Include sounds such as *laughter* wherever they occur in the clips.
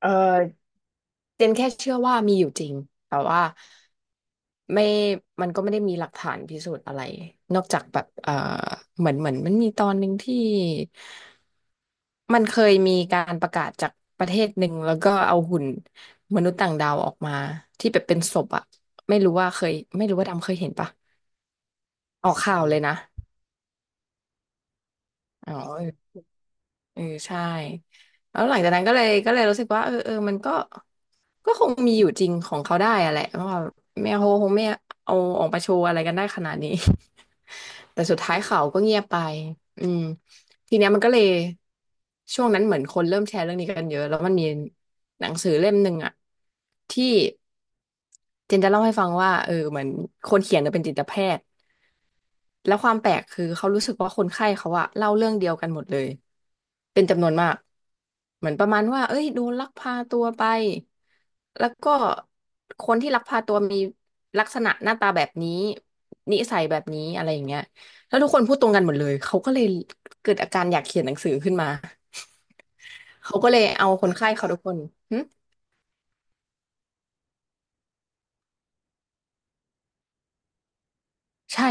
เออเจนแค่เชื่อว่ามีอยู่จริงแต่ว่าไม่มันก็ไม่ได้มีหลักฐานพิสูจน์อะไรนอกจากแบบเหมือนมันมีตอนหนึ่งที่มันเคยมีการประกาศจากประเทศหนึ่งแล้วก็เอาหุ่นมนุษย์ต่างดาวออกมาที่แบบเป็นศพอะไม่รู้ว่าดำเคยเห็นปะออกข่าวเลยนะอ๋อ เออใช่แล้วหลังจากนั้นก็เลยรู้สึกว่ามันก็คงมีอยู่จริงของเขาได้อะแหละเพราะว่าแม่โฮคงไม่เอาออกมาโชว์อะไรกันได้ขนาดนี้ *laughs* แต่สุดท้ายเขาก็เงียบไปอืมทีเนี้ยมันก็เลยช่วงนั้นเหมือนคนเริ่มแชร์เรื่องนี้กันเยอะแล้วมันมีหนังสือเล่มหนึ่งอะที่เจนจะเล่าให้ฟังว่าเออเหมือนคนเขียนเนี่ยเป็นจิตแพทย์แล้วความแปลกคือเขารู้สึกว่าคนไข้เขาอะเล่าเรื่องเดียวกันหมดเลย เป็นจำนวนมากเหมือนประมาณว่าเอ้ยโดนลักพาตัวไปแล้วก็คนที่ลักพาตัวมีลักษณะหน้าตาแบบนี้นิสัยแบบนี้อะไรอย่างเงี้ยแล้วทุกคนพูดตรงกันหมดเลยเขาก็เลยเกิดอาการอยากเขียนหนังสือขึ้นมาเขาก็เลยเอาคนไข้เขาทุกคนหึใช่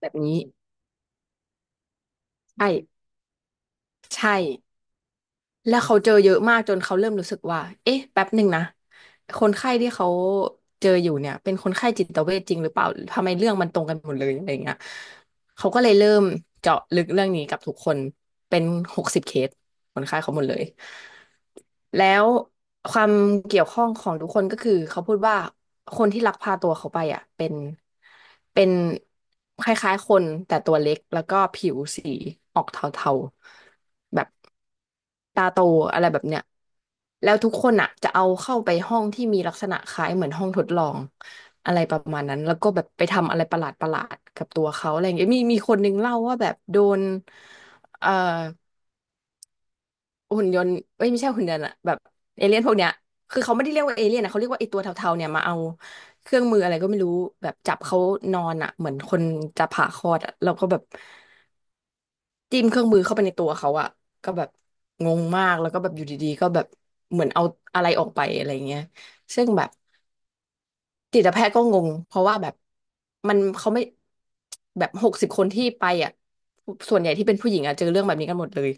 แบบนี้ใช่ใช่ แล้วเขาเจอเยอะมากจนเขาเริ่มรู้สึกว่าเอ๊ะแป๊บหนึ่งนะ คนไข้ที่เขาเจออยู่เนี่ยเป็นคนไข้จิตเวชจริงหรือเปล่า ทำไมเรื่องมันตรงกันหมดเลยอะไรเงี้ยเขาก็เลยเริ่มเจาะลึกเรื่องนี้กับทุกคนเป็นหกสิบเคสคนไข้เขาหมดเลย แล้วความเกี่ยวข้องของทุกคนก็คือเขาพูดว่าคนที่ลักพาตัวเขาไปอ่ะเป็นเป็นคล้ายๆคนแต่ตัวเล็กแล้วก็ผิวสีออกเทาๆแบบตาโตอะไรแบบเนี้ยแล้วทุกคนอ่ะจะเอาเข้าไปห้องที่มีลักษณะคล้ายเหมือนห้องทดลองอะไรประมาณนั้นแล้วก็แบบไปทำอะไรประหลาดๆกับตัวเขาอะไรอย่างเงี้ยมีคนนึงเล่าว่าแบบโดนเอ่อ หุ่นยนต์เอ้ยไม่ใช่หุ่นยนต์อะแบบเอเลี่ยนพวกเนี้ยคือเขาไม่ได้เรียกว่าเอเลี่ยนนะเขาเรียกว่าไอตัวเทาๆเนี่ยมาเอาเครื่องมืออะไรก็ไม่รู้แบบจับเขานอนอะเหมือนคนจะผ่าคลอดอะเราก็แบบจิ้มเครื่องมือเข้าไปในตัวเขาอะก็แบบงงมากแล้วก็แบบอยู่ดีๆก็แบบเหมือนเอาอะไรออกไปอะไรเงี้ยซึ่งแบบ จิตแพทย์ก็งงเพราะว่าแบบมันเขาไม่แบบ60 คนที่ไปอ่ะส่วนใหญ่ที่เป็นผู้หญิงอ่ะเจอเรื่องแบบนี้กันหมดเลย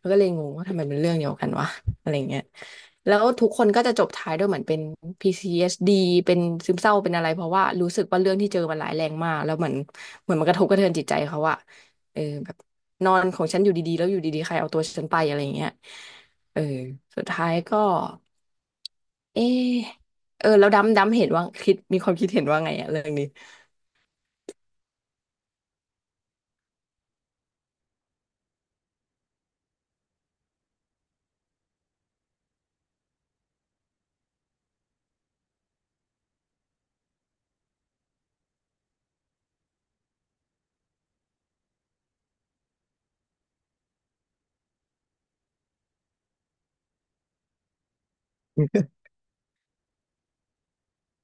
มันก็เลยงงว่าทำไมเป็นเรื่องเดียวกันวะอะไรเงี้ยแล้วทุกคนก็จะจบท้ายด้วยเหมือนเป็น PCSD เอสดีเป็นซึมเศร้าเป็นอะไรเพราะว่ารู้สึกว่าเรื่องที่เจอมันร้ายแรงมากแล้วเหมือนมันกระทบกระเทือนจิตใจเขาอะเออแบบนอนของฉันอยู่ดีๆแล้วอยู่ดีๆใครเอาตัวฉันไปอะไรเงี้ยเออสุดท้ายก็ เออเออแล้วดำเห็นว่าคิดมีความคิดเห็นว่าไงอะเรื่องนี้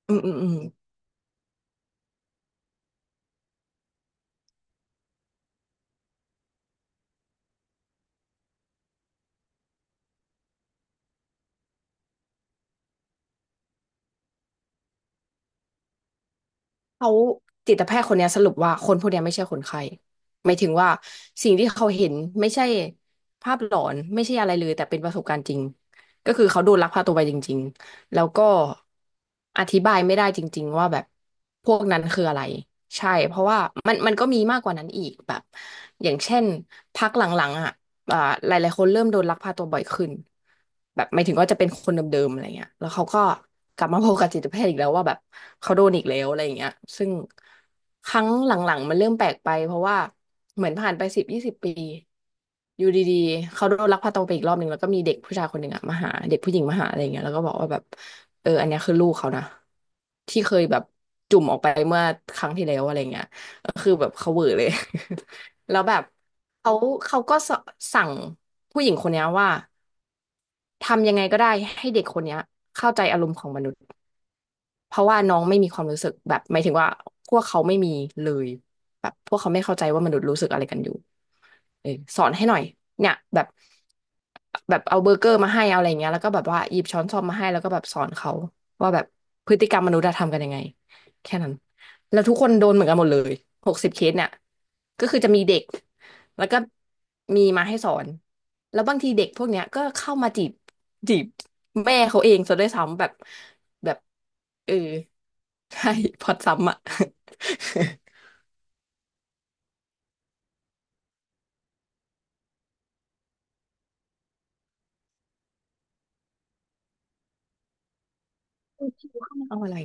อืมอืมอืมเขาจิตแพทย์คนเนี้ยสรุปว่าคนพวกเนี้ยไม่ใช่คนไข้หมายถึงว่าสิ่งที่เขาเห็นไม่ใช่ภาพหลอนไม่ใช่อะไรเลยแต่เป็นประสบการณ์จริงก็คือเขาโดนลักพาตัวไปจริงๆแล้วก็อธิบายไม่ได้จริงๆว่าแบบพวกนั้นคืออะไรใช่เพราะว่ามันก็มีมากกว่านั้นอีกแบบอย่างเช่นพักหลังๆอ่ะ อ่าหลายๆคนเริ่มโดนลักพาตัวบ่อยขึ้นแบบหมายถึงว่าจะเป็นคนเดิมๆอะไรเงี้ยแล้วเขาก็กลับมาพบกับจิตแพทย์อีกแล้วว่าแบบเขาโดนอีกแล้วอะไรเงี้ยซึ่งครั้งหลังๆมันเริ่มแปลกไปเพราะว่าเหมือนผ่านไป10-20 ปีอยู่ดีๆเขาโดนลักพาตัวไปอีกรอบหนึ่งแล้วก็มีเด็กผู้ชายคนหนึ่งอะมาหาเด็กผู้หญิงมาหาอะไรเงี้ยแล้วก็บอกว่าแบบเอออันเนี้ยคือลูกเขานะที่เคยแบบจุ่มออกไปเมื่อครั้งที่แล้วอะไรเงี้ยก็คือแบบเขาเหวอเลย *laughs* แล้วแบบ เขาเขาก็สั่งผู้หญิงคนเนี้ยว่าทำยังไงก็ได้ให้เด็กคนเนี้ยเข้าใจอารมณ์ของมนุษย์ เพราะว่าน้องไม่มีความรู้สึกแบบหมายถึงว่าพวกเขาไม่มีเลยแบบพวกเขาไม่เข้าใจว่ามนุษย์รู้สึกอะไรกันอยู่เออสอนให้หน่อยเนี่ยแบบแบบเอาเบอร์เกอร์มาให้เอาอะไรเงี้ยแล้วก็แบบว่าหยิบช้อนส้อมมาให้แล้วก็แบบสอนเขาว่าแบบพฤติกรรมมนุษย์อะทำกันยังไงแค่นั้นแล้วทุกคนโดนเหมือนกันหมดเลยหกสิบเคสเนี่ยก็คือจะมีเด็กแล้วก็มีมาให้สอนแล้วบางทีเด็กพวกเนี้ยก็เข้ามาจีบแม่เขาเองซะด้วยซ้ำแบบแบบเออ ใช่ *laughs* พล็อตซ้ำอ่ะ *laughs* เอาอะไร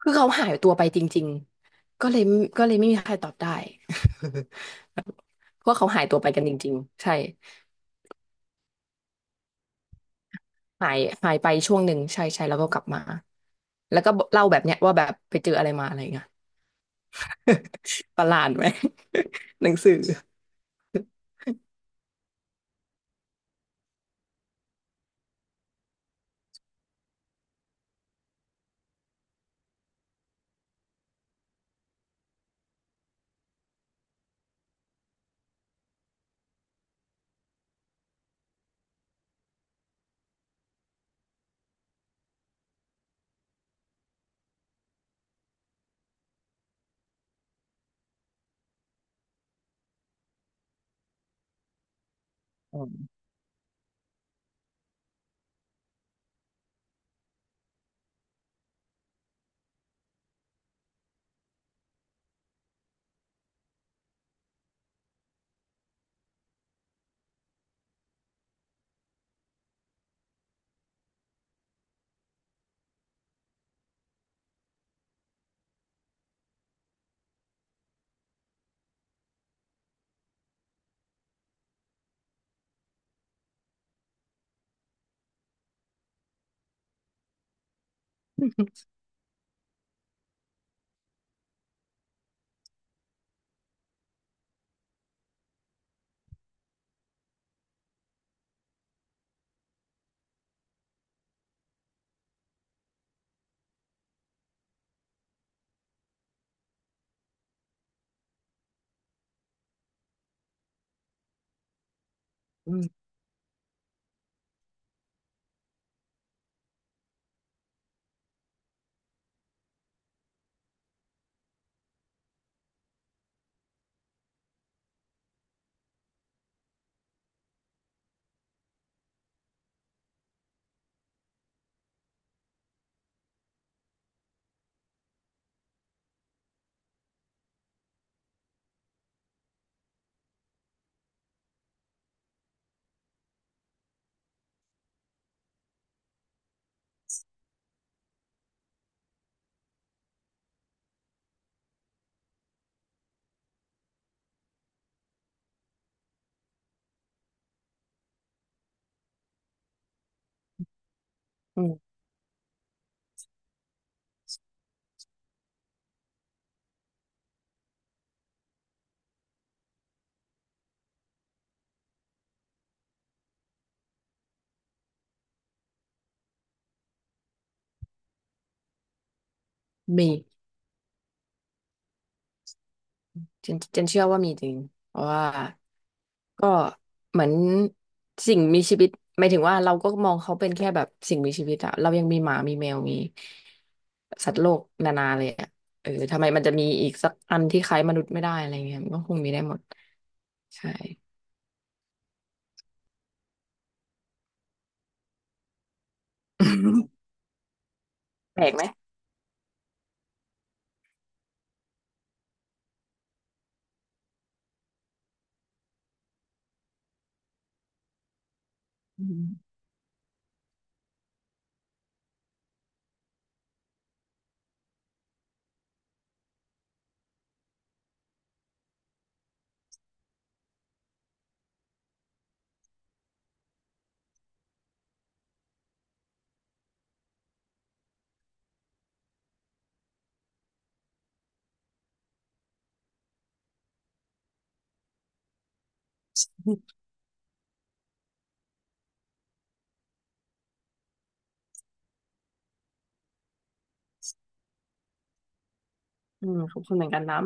คือเขาหายตัวไปจริงๆก็เลยไม่มีใครตอบได้ *laughs* เพราะว่าเขาหายตัวไปกันจริงๆใช่หายหายไปช่วงหนึ่งใช่ใช่แล้วก็กลับมาแล้วก็เล่าแบบเนี้ยว่าแบบไปเจออะไรมาอะไรเงี้ย *laughs* ประหลาดไหม *laughs* หนังสืออืมมีเจนเชื่อว่ามีจริงเพราะว่า ก็เหมือนสิ่งมีชีวิตหมายถึงว่าเราก็มองเขาเป็นแค่แบบสิ่งมีชีวิตอะเรายังมีหมามีแมวมีสัตว์โลกนานาเลยอะเออทำไมมันจะมีอีกสักอันที่คล้ายมนุษย์ไม่ได้อะไรเงี้ยมันก็คงมีได้หมดใช่ *laughs* แปลกไหมอืมขอบคุณเหมือนกันน้